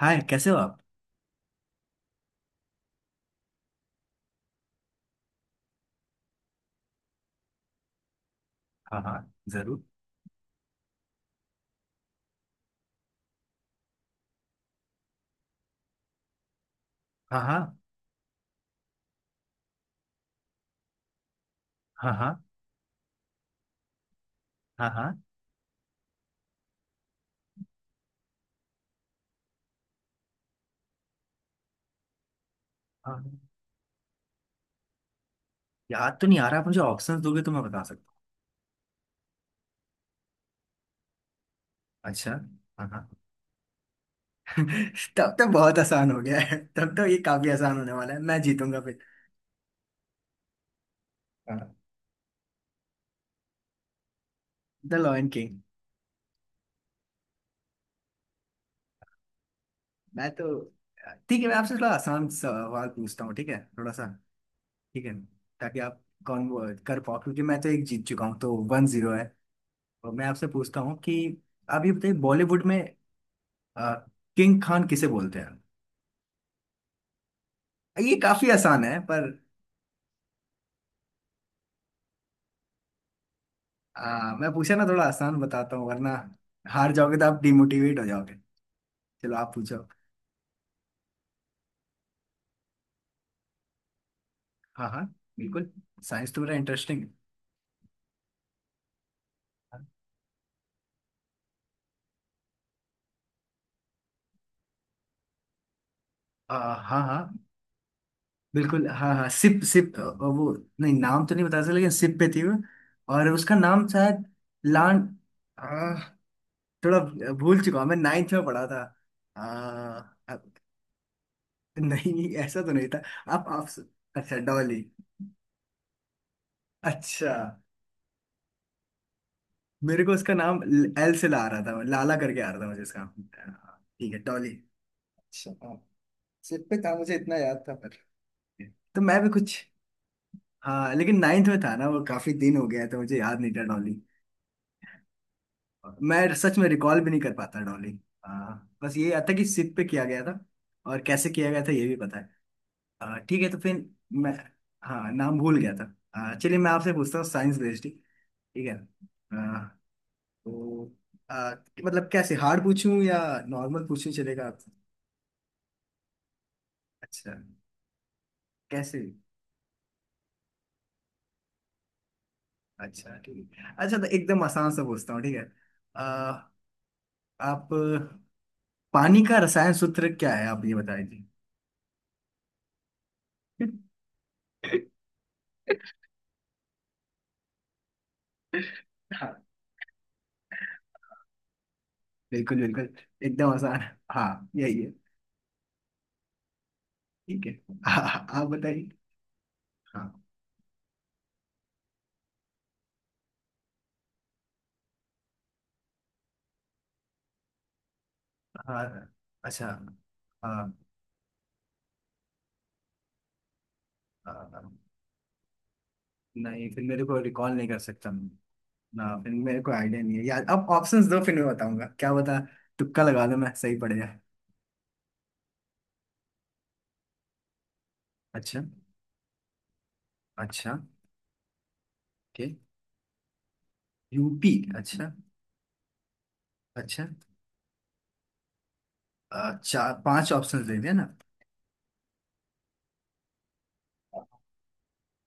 हाय, कैसे हो आप? हाँ हाँ, जरूर। हाँ हाँ। हाँ हाँ। हाँ हाँ। हाँ, याद तो नहीं आ रहा। आप मुझे ऑप्शंस दोगे तो मैं बता सकता हूँ। अच्छा। हाँ हाँ। तब तो बहुत आसान हो गया है, तब तो ये काफी आसान होने वाला है, मैं जीतूंगा फिर। हाँ, द लॉयन किंग। मैं तो ठीक है, मैं आपसे थोड़ा आसान सवाल पूछता हूँ, ठीक है, थोड़ा सा। ठीक है, ताकि आप कौन वो कर पाओ, क्योंकि मैं तो एक जीत चुका हूँ, तो 1-0 है। और मैं आपसे पूछता हूँ कि आप ये बताइए, बॉलीवुड में किंग खान किसे बोलते हैं? ये काफी आसान है पर मैं पूछा ना, थोड़ा आसान बताता हूँ, वरना हार जाओगे तो आप डिमोटिवेट हो जाओगे। चलो, आप पूछो। हाँ हाँ। बिल्कुल। साइंस तो बड़ा इंटरेस्टिंग है। हाँ हाँ। बिल्कुल। हाँ हाँ। सिप सिप वो। नहीं, नाम तो नहीं बता सकते, लेकिन सिप पे थी वो। और उसका नाम शायद लान। आ, थोड़ा भूल चुका हूँ, मैं नाइन्थ में पढ़ा था। आ, अब- नहीं, ऐसा तो नहीं था। आप। अच्छा, डॉली। अच्छा, मेरे को उसका नाम एल से ला रहा था, लाला करके आ रहा था मुझे इसका। हाँ, ठीक है, टॉली। अच्छा, हाँ। सिर पे था, मुझे इतना याद था पर। तो मैं भी कुछ। हाँ, लेकिन नाइन्थ में था ना वो, काफी दिन हो गया है, तो मुझे याद नहीं था डॉली। मैं सच में रिकॉल भी नहीं कर पाता डॉली। हाँ, बस ये याद था कि सिप पे किया गया था। और कैसे किया गया था ये भी पता है। हाँ, ठीक है, तो फिर मैं, हाँ, नाम भूल गया था। हाँ, चलिए, मैं आपसे पूछता हूँ साइंस बेस्ड ही, ठीक है। तो आ, मतलब कैसे हार्ड पूछूं या नॉर्मल पूछूं, चलेगा आप? अच्छा, कैसे? अच्छा ठीक है। अच्छा, तो एकदम आसान सा पूछता हूँ, ठीक है। आ, आप पानी का रसायन सूत्र क्या है, आप ये बताइए? हाँ, बिल्कुल बिल्कुल, एकदम आसान। हाँ, यही है। ठीक है। हाँ, आप बताइए। हाँ हाँ। हाँ, अच्छा। हाँ हाँ। हाँ। नहीं, फिर मेरे को रिकॉल नहीं कर सकता। ना, फिर मेरे को आइडिया नहीं है यार। अब ऑप्शंस दो फिर मैं बताऊंगा, क्या बता। तुक्का लगा दो, मैं सही पड़ जाए। अच्छा अच्छा। ओके। यूपी अच्छा। अच्छा। चार पांच ऑप्शंस दे दिया ना।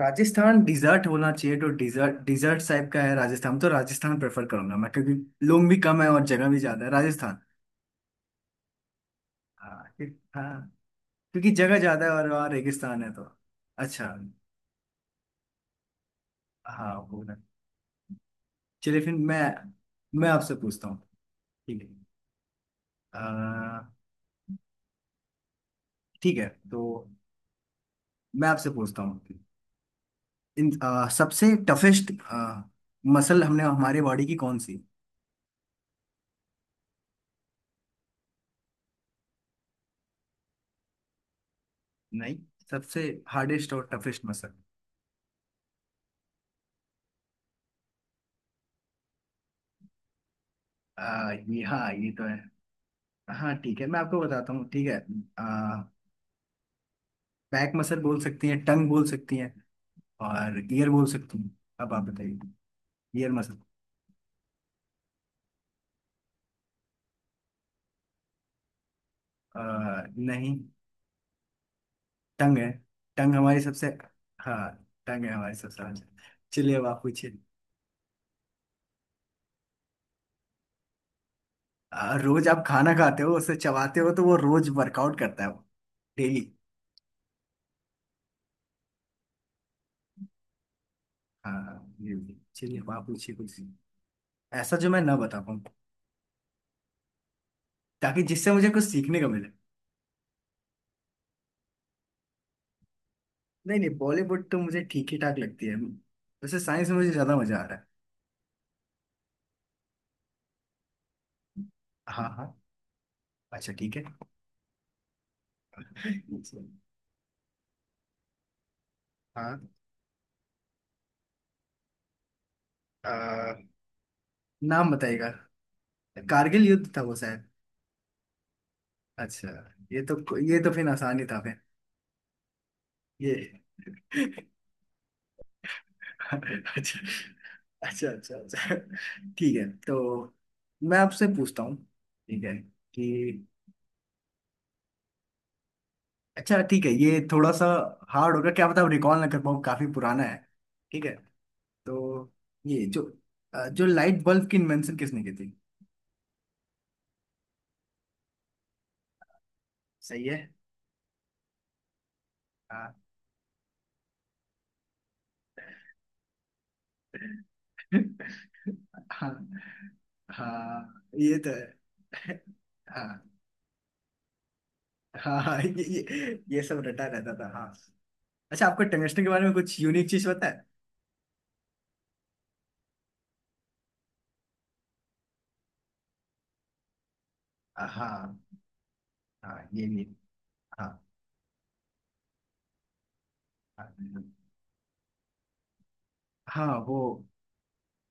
राजस्थान डिजर्ट होना चाहिए, तो डिजर्ट डिजर्ट टाइप का है राजस्थान, तो राजस्थान प्रेफर करूंगा मैं, क्योंकि लोग भी कम है और जगह भी ज्यादा है राजस्थान। हाँ हाँ, क्योंकि जगह ज्यादा है और वहाँ रेगिस्तान है, तो। अच्छा। हाँ, वो ना। चलिए, फिर मैं आपसे पूछता हूँ, ठीक है। ठीक है, तो मैं आपसे पूछता हूँ इन सबसे टफेस्ट मसल, हमने हमारे बॉडी की कौन सी। नहीं, सबसे हार्डेस्ट और टफेस्ट मसल। ये हाँ, ये तो है। हाँ, ठीक है, मैं आपको बताता हूँ, ठीक है। बैक मसल बोल सकती हैं, टंग बोल सकती हैं, और ईयर बोल सकती हैं। अब आप बताइए। Ear muscle. आ, नहीं, टंग है। टंग हमारी सबसे। हाँ, टंग है हमारी सबसे। चलिए, अब आप पूछिए। रोज आप खाना खाते हो, उसे चबाते हो, तो वो रोज वर्कआउट करता है, वो डेली। हाँ, ये भी। चलिए, अब आप पूछिए कुछ ऐसा जो मैं ना बता पाऊँ, ताकि जिससे मुझे कुछ सीखने को मिले। नहीं नहीं, बॉलीवुड तो मुझे ठीक ही ठाक लगती है, वैसे साइंस में मुझे ज्यादा मजा आ रहा है। हाँ हाँ। अच्छा ठीक है। हाँ। आ, नाम बताइएगा? कारगिल युद्ध था वो शायद। अच्छा, ये तो फिर आसान ही था फिर। ये अच्छा अच्छा अच्छा। अच्छा ठीक है, तो मैं आपसे पूछता हूँ, ठीक है, कि अच्छा ठीक है, ये थोड़ा सा हार्ड होगा, क्या पता आप रिकॉल ना कर पाऊँ, काफी पुराना है। ठीक है। तो ये जो जो लाइट बल्ब की इन्वेंशन किसने की थी? सही है। हाँ। हाँ हाँ, ये तो है। हाँ। हाँ हाँ, ये सब रटा रहता था, हाँ। अच्छा, आपको टंगस्टन के बारे में कुछ यूनिक चीज पता है? हाँ। हाँ, ये भी। हाँ। हाँ, वो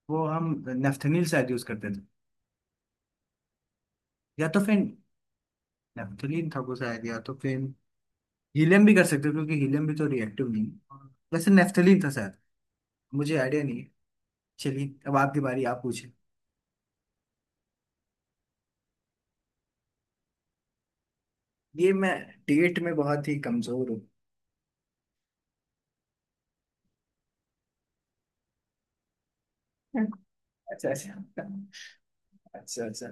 वो हम नेफ्थेनिल शायद यूज करते थे। या तो फिर नेफ्थलीन था वो शायद, या तो फिर हीलियम भी कर सकते थे, क्योंकि हीलियम भी तो रिएक्टिव नहीं है। वैसे नेफ्थलीन था शायद। मुझे आइडिया नहीं है। चलिए, अब आपकी बारी, आप पूछे। ये मैं डेट में बहुत ही कमजोर हूँ। अच्छा अच्छा अच्छा। अच्छा।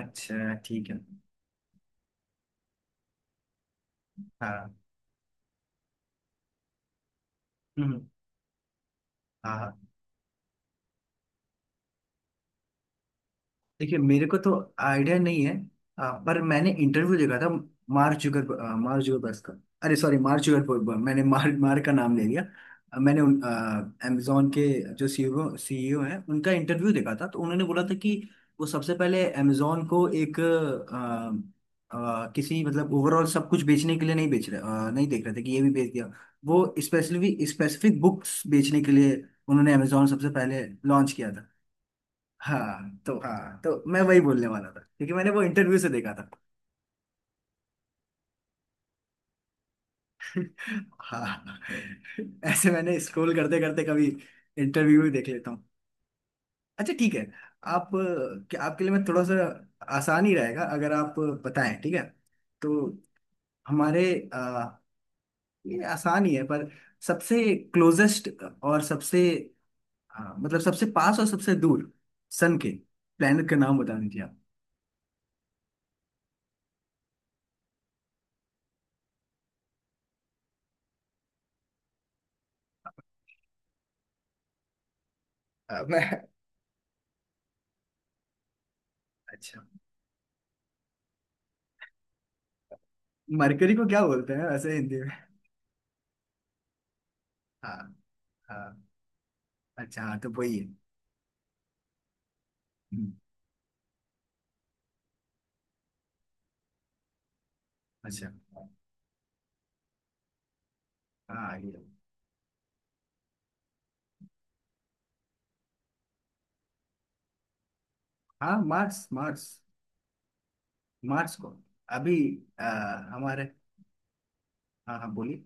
अच्छा ठीक है। हाँ। हम्म, हाँ हाँ। देखिए, मेरे को तो आइडिया नहीं है। पर मैंने इंटरव्यू देखा था मार्क जुगर, मार्क जुगरबर्ग का। अरे सॉरी, मार्क जुगरबर्ग मैंने मार्क मार्क का नाम ले लिया। मैंने उन अमेजोन के जो सीईओ सीईओ हैं उनका इंटरव्यू देखा था, तो उन्होंने बोला था कि वो सबसे पहले अमेजोन को एक आ, आ, किसी मतलब ओवरऑल सब कुछ बेचने के लिए नहीं बेच रहे, नहीं देख रहे थे कि ये भी बेच दिया। वो स्पेसिफिक स्पेसिफिक बुक्स बेचने के लिए उन्होंने अमेजोन सबसे पहले लॉन्च किया था। हाँ, तो हाँ, तो मैं वही बोलने वाला था क्योंकि मैंने वो इंटरव्यू से देखा था। हाँ। ऐसे मैंने स्क्रॉल करते करते कभी इंटरव्यू भी देख लेता हूँ। अच्छा ठीक है। आप, क्या आपके लिए मैं थोड़ा सा आसान ही रहेगा अगर आप बताएं, ठीक है? तो हमारे अ, ये आसान ही है पर सबसे क्लोजेस्ट और सबसे मतलब सबसे पास और सबसे दूर सन के प्लेनेट का नाम बता दीजिए आप। मैं। अच्छा, मरकरी को क्या बोलते हैं वैसे हिंदी? हाँ हाँ। अच्छा, हाँ तो वही है। हम्म, अच्छा। हाँ, ये। हाँ, मार्स मार्स। मार्स को अभी अ, हमारे। हाँ हाँ, बोलिए।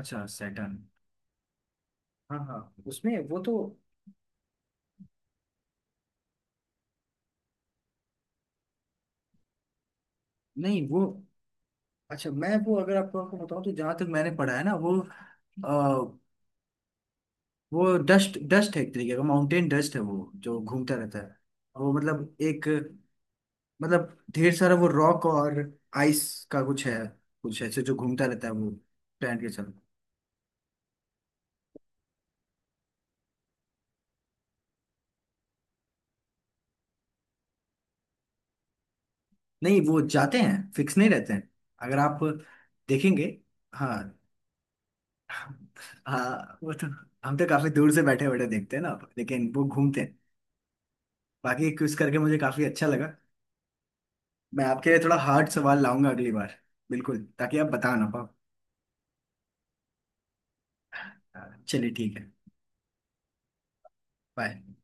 अच्छा, सैटर्न। हाँ हाँ। उसमें वो तो नहीं, वो। अच्छा, मैं वो अगर आपको आपको बताऊं तो, जहाँ तक मैंने पढ़ा है ना वो, अ, वो डस्ट डस्ट है, एक तरीके का माउंटेन डस्ट है, वो जो घूमता रहता है। वो मतलब एक, मतलब ढेर सारा वो रॉक और आइस का कुछ है, कुछ ऐसे जो घूमता रहता है वो प्लैनेट के साथ। नहीं, वो जाते हैं, फिक्स नहीं रहते हैं। अगर आप देखेंगे। हाँ हाँ, वो तो हम तो काफी दूर से बैठे बैठे देखते हैं ना, लेकिन वो घूमते हैं। बाकी क्विज करके मुझे काफी अच्छा लगा। मैं आपके लिए थोड़ा हार्ड सवाल लाऊंगा अगली बार, बिल्कुल, ताकि आप बता ना पाओ। हाँ, चलिए ठीक है। बाय।